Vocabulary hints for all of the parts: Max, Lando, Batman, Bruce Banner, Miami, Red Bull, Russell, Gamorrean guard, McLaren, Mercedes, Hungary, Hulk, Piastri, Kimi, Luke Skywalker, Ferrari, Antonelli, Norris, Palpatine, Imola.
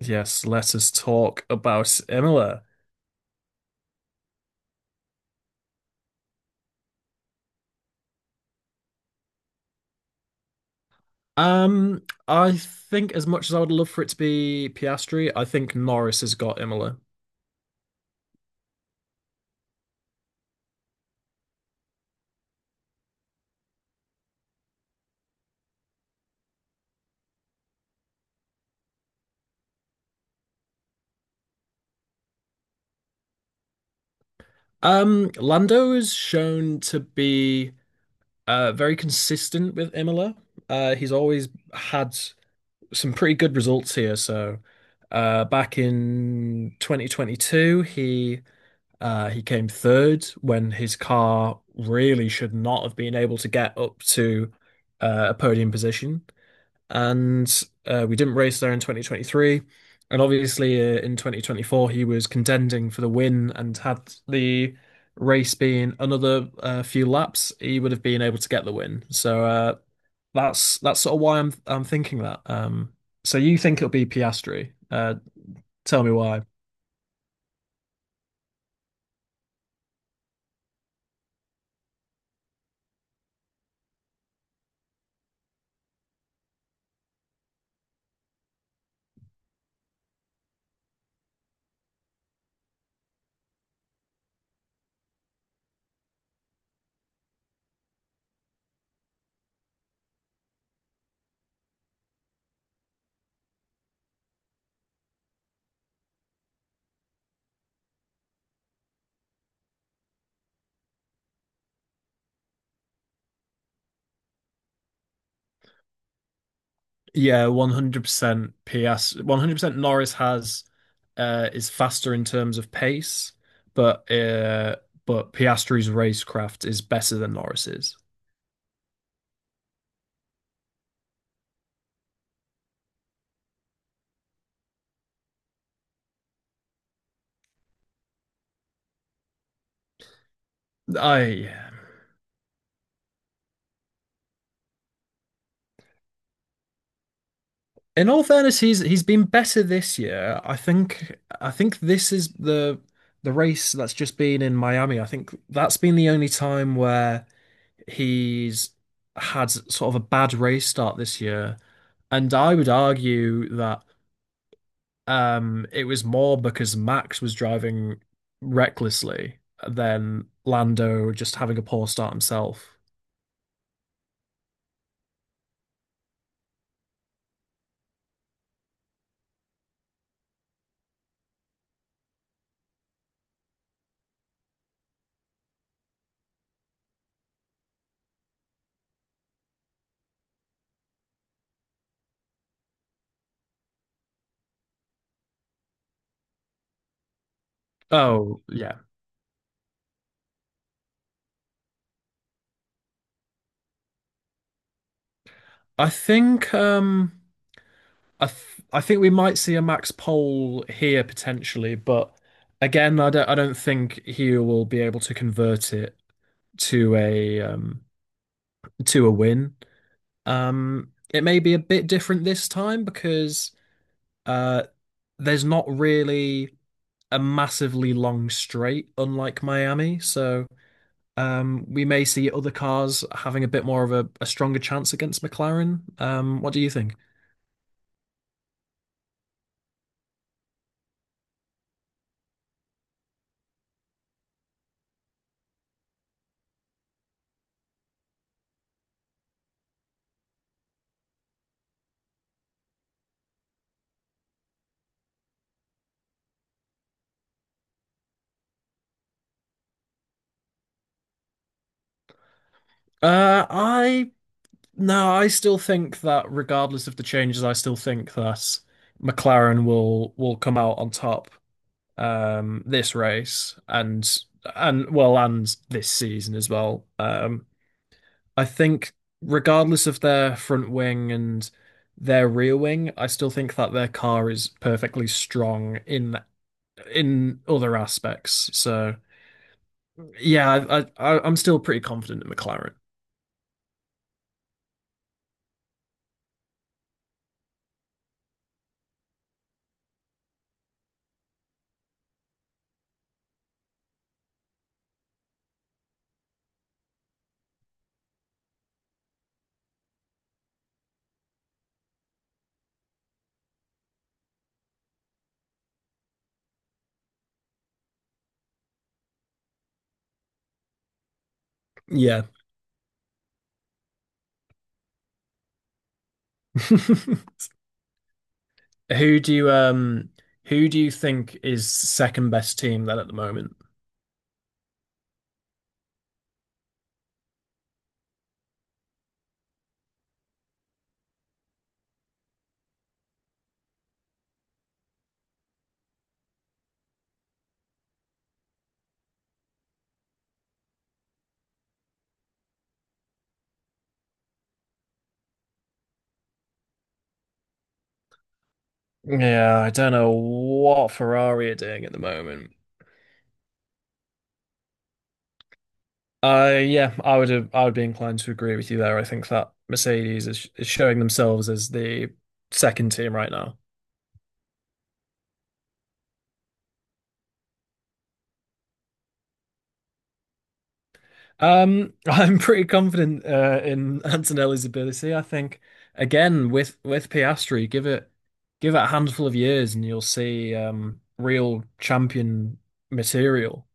Yes, let us talk about Imola. Um, I think as much as I would love for it to be Piastri, I think Norris has got Imola. Lando is shown to be very consistent with Imola. He's always had some pretty good results here. So, back in 2022, he came third when his car really should not have been able to get up to a podium position, and we didn't race there in 2023. And obviously, in 2024, he was contending for the win, and had the race been another few laps, he would have been able to get the win. So that's sort of why I'm thinking that. So you think it'll be Piastri? Tell me why. Yeah, 100% PS. 100% Norris has is faster in terms of pace, but but Piastri's racecraft is better than Norris's. I yeah. In all fairness, he's been better this year. I think this is the race that's just been in Miami. I think that's been the only time where he's had sort of a bad race start this year. And I would argue that it was more because Max was driving recklessly than Lando just having a poor start himself. Oh, yeah. I think I th I think we might see a Max pole here potentially, but again, I don't think he will be able to convert it to a to a win. Um, it may be a bit different this time because uh there's not really a massively long straight, unlike Miami. So we may see other cars having a bit more of a stronger chance against McLaren. What do you think? I No, I still think that regardless of the changes, I still think that McLaren will come out on top this race and and this season as well. I think, regardless of their front wing and their rear wing, I still think that their car is perfectly strong in other aspects. So, yeah, I am still pretty confident in McLaren. Yeah. Who do you um who do you think is second best team then at the moment? Yeah, I don't know what Ferrari are doing at the moment. Yeah, I would be inclined to agree with you there. I think that Mercedes is showing themselves as the second team right now. I'm pretty confident in Antonelli's ability. I think again with Piastri, give it a handful of years and you'll see real champion material.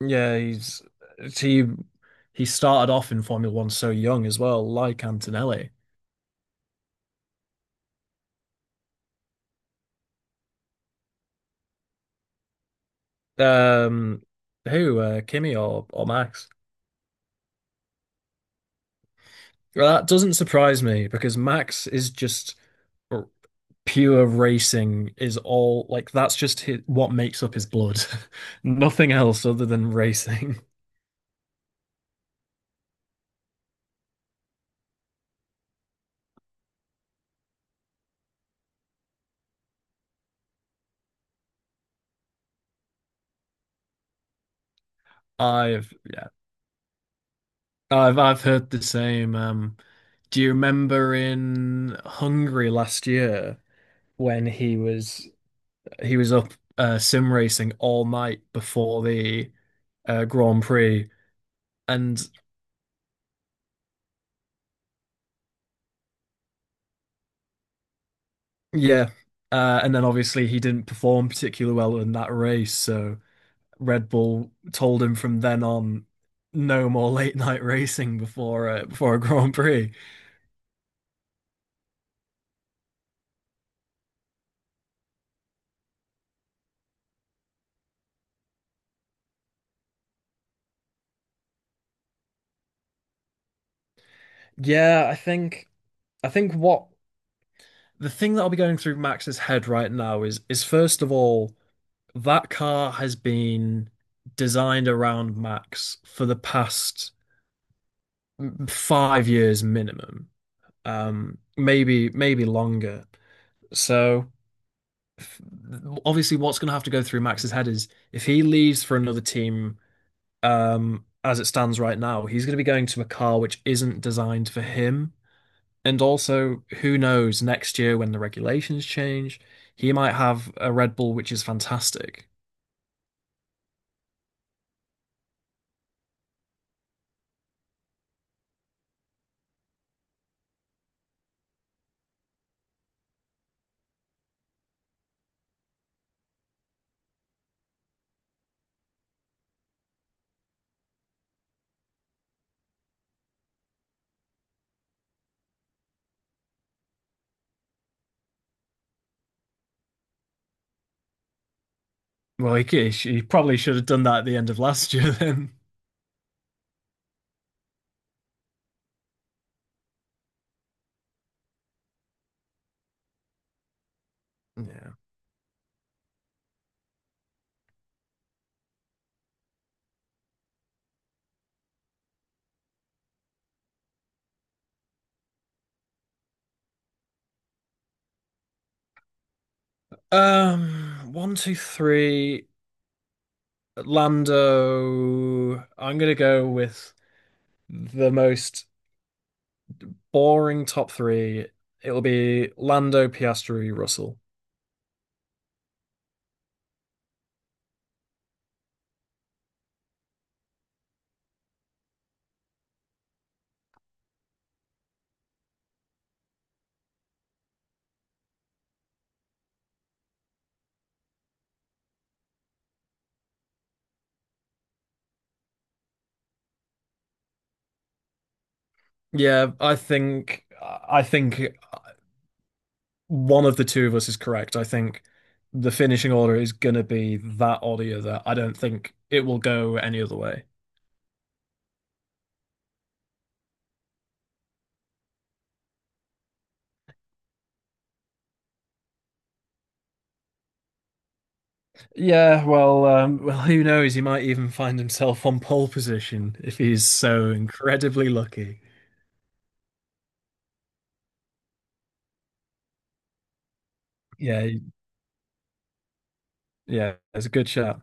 Yeah, he's he he started off in Formula One so young as well, like Antonelli. Um, who Kimi or Max? Well, that doesn't surprise me because Max is just r- pure racing is all like that's just his, what makes up his blood. Nothing else other than racing. I've yeah. I've heard the same. Do you remember in Hungary last year when he was up sim racing all night before the Grand Prix and yeah, and then obviously he didn't perform particularly well in that race, so Red Bull told him from then on, no more late night racing before before a Grand Prix. Yeah, I think what the thing that'll be going through Max's head right now is first of all, that car has been designed around Max for the past 5 years minimum. Maybe longer. So obviously what's going to have to go through Max's head is if he leaves for another team as it stands right now, he's going to be going to a car which isn't designed for him. And also, who knows, next year when the regulations change, he might have a Red Bull which is fantastic. Well, he probably should have done that at the end of last year then. Yeah. One, two, three. Lando. I'm gonna go with the most boring top three. It'll be Lando, Piastri, Russell. Yeah, I think one of the two of us is correct. I think the finishing order is gonna be that or the other. I don't think it will go any other way. Yeah, well, well, who knows? He might even find himself on pole position if he's so incredibly lucky. Yeah, yeah, it's a good shot.